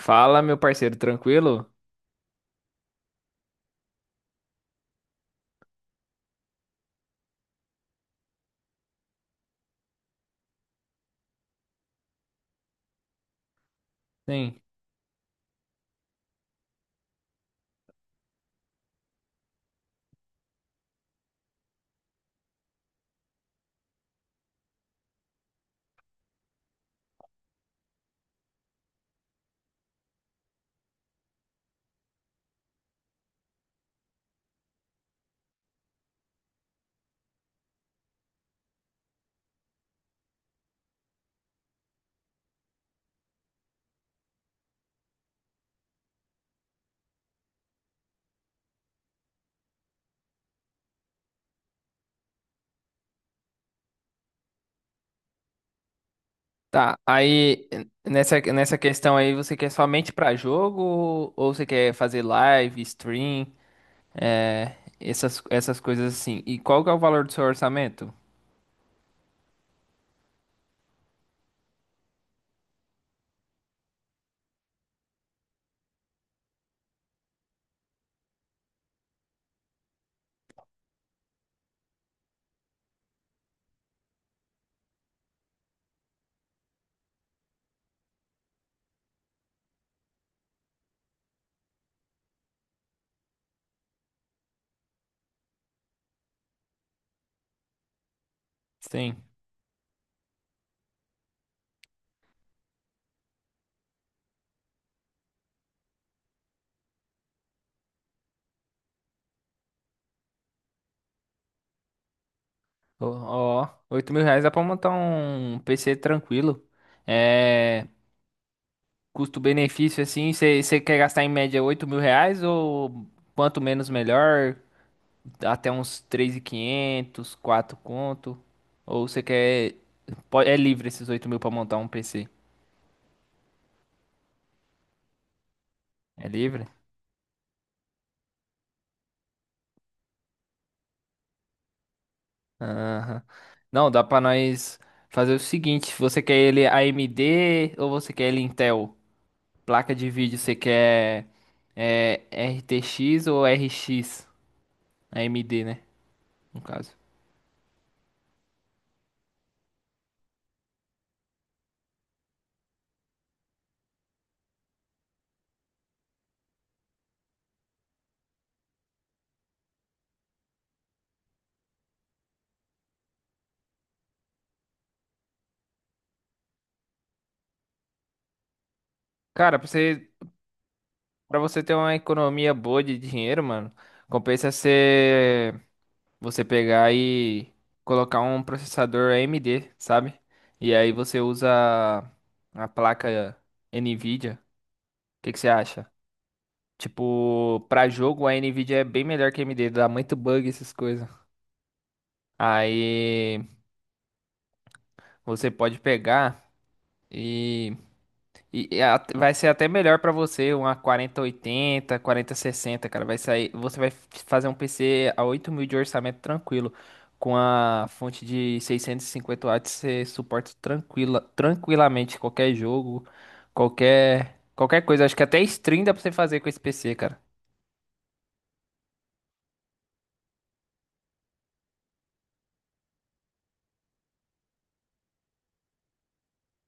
Fala, meu parceiro, tranquilo? Sim. Tá, aí nessa questão aí, você quer somente pra jogo ou você quer fazer live, stream, essas coisas assim? E qual que é o valor do seu orçamento? Sim. Ó, ó, 8 mil reais dá pra montar um PC tranquilo. É, custo-benefício assim, você quer gastar em média 8 mil reais ou quanto menos melhor? Até uns 3.500, 4 conto. Ou você quer. É livre esses 8 mil pra montar um PC? É livre? Aham. Não, dá pra nós fazer o seguinte: você quer ele AMD ou você quer ele Intel? Placa de vídeo, você quer é, RTX ou RX? AMD, né? No caso. Cara, pra você ter uma economia boa de dinheiro, mano, compensa ser. Você pegar e colocar um processador AMD, sabe? E aí você usa a placa NVIDIA. O que que você acha? Tipo, pra jogo a NVIDIA é bem melhor que a AMD, dá muito bug essas coisas. Aí você pode pegar e vai ser até melhor pra você, uma quarenta oitenta, quarenta sessenta, cara. Vai sair, você vai fazer um PC a 8 mil de orçamento tranquilo. Com a fonte de 650 watts, você suporta tranquilamente qualquer jogo, qualquer coisa. Acho que até stream dá pra você fazer com esse PC, cara.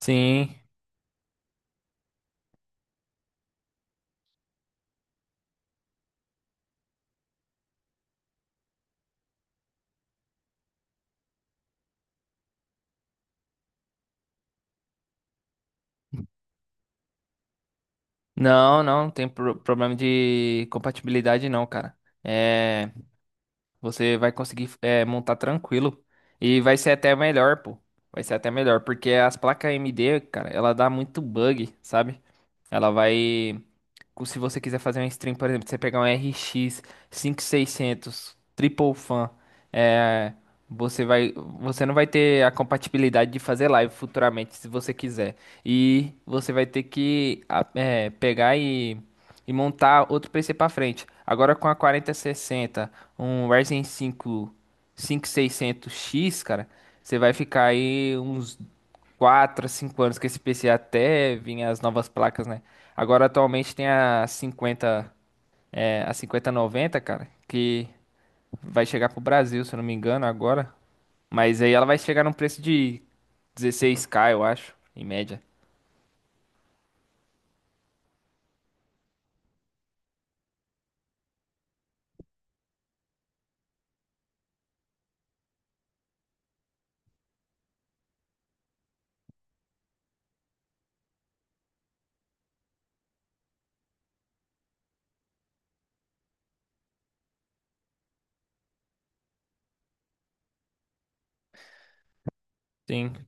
Sim. Não, não, não tem problema de compatibilidade, não, cara. É, você vai conseguir montar tranquilo. E vai ser até melhor, pô. Vai ser até melhor, porque as placas AMD, cara, ela dá muito bug, sabe? Ela vai se você quiser fazer uma stream, por exemplo, você pegar um RX 5600 Triple Fan, é, você vai, você não vai ter a compatibilidade de fazer live futuramente, se você quiser. E você vai ter que pegar e montar outro PC para frente. Agora com a 4060, um Ryzen 5 5600X, cara, você vai ficar aí uns 4, a 5 anos, que esse PC até vinha as novas placas, né? Agora atualmente tem a 50, a cinquenta noventa, cara, que vai chegar pro Brasil, se eu não me engano, agora. Mas aí ela vai chegar num preço de 16K, eu acho, em média. Sim.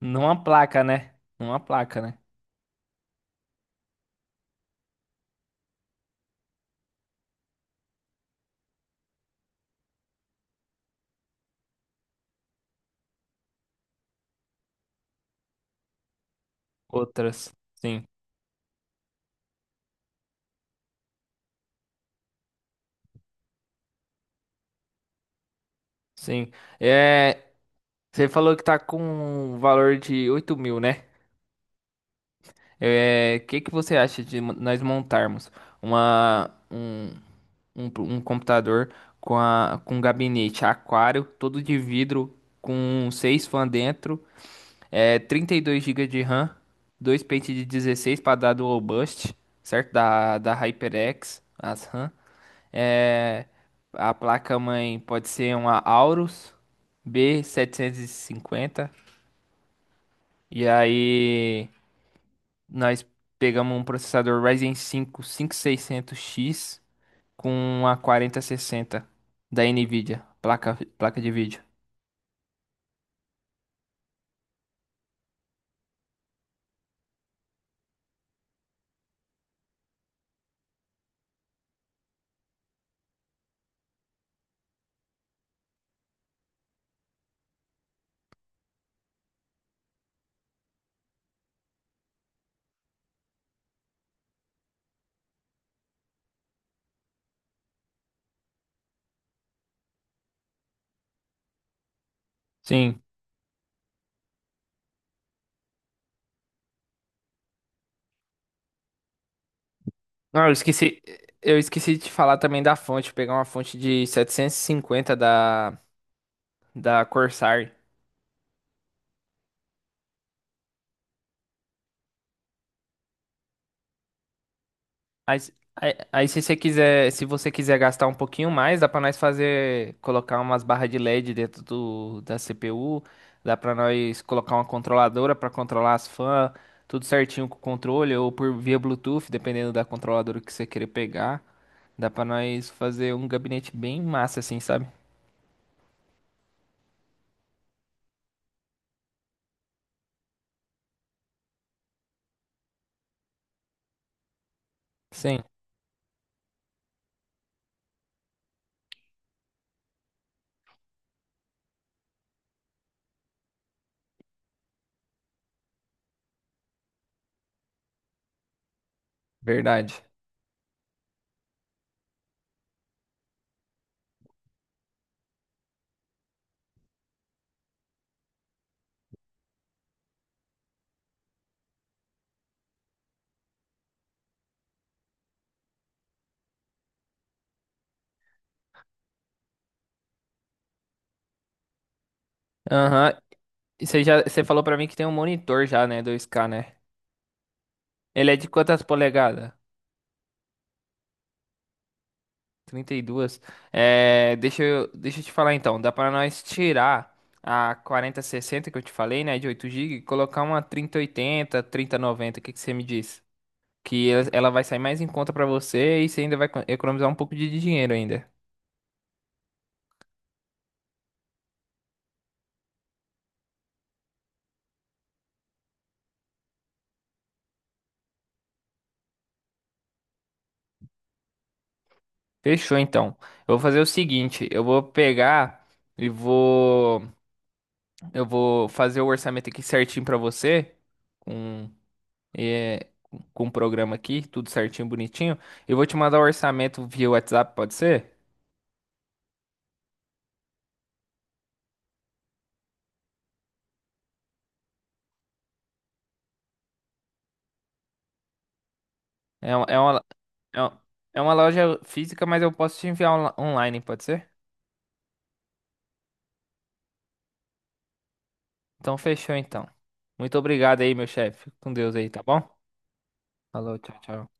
Numa placa, né? Numa placa, né? Outras. Sim, sim. É, você falou que tá com um valor de 8 mil, né? É, que você acha de nós montarmos uma, um, um computador com gabinete aquário, todo de vidro, com 6 fãs dentro, 32 gigas de RAM, dois pentes de 16 para dar dual boost, certo? Da HyperX, as RAM. É, a placa-mãe pode ser uma Aorus b 750. E aí. Nós pegamos um processador Ryzen 5 5600X com uma 4060 da Nvidia, placa de vídeo. Sim. Não, eu esqueci de te falar também da fonte, pegar uma fonte de 750 da Corsair. Aí, se você quiser, gastar um pouquinho mais, dá pra nós fazer, colocar umas barras de LED dentro da CPU, dá pra nós colocar uma controladora pra controlar as fãs, tudo certinho com o controle ou por via Bluetooth, dependendo da controladora que você querer pegar. Dá pra nós fazer um gabinete bem massa assim, sabe? Sim, verdade. Aham. Você falou pra mim que tem um monitor já, né, 2K, né? Ele é de quantas polegadas? 32. É, deixa eu te falar então. Dá pra nós tirar a quarenta sessenta que eu te falei, né? De 8 GB, e colocar uma 3080, 3090. O que que você me diz? Que ela vai sair mais em conta pra você, e você ainda vai economizar um pouco de dinheiro ainda. Fechou então. Eu vou fazer o seguinte: eu vou pegar e vou eu vou fazer o orçamento aqui certinho pra você. com é, com o programa aqui, tudo certinho, bonitinho. Eu vou te mandar o orçamento via WhatsApp, pode ser? É, é um- é uma loja física, mas eu posso te enviar online, pode ser? Então fechou então. Muito obrigado aí, meu chefe. Fica com Deus aí, tá bom? Falou, tchau, tchau.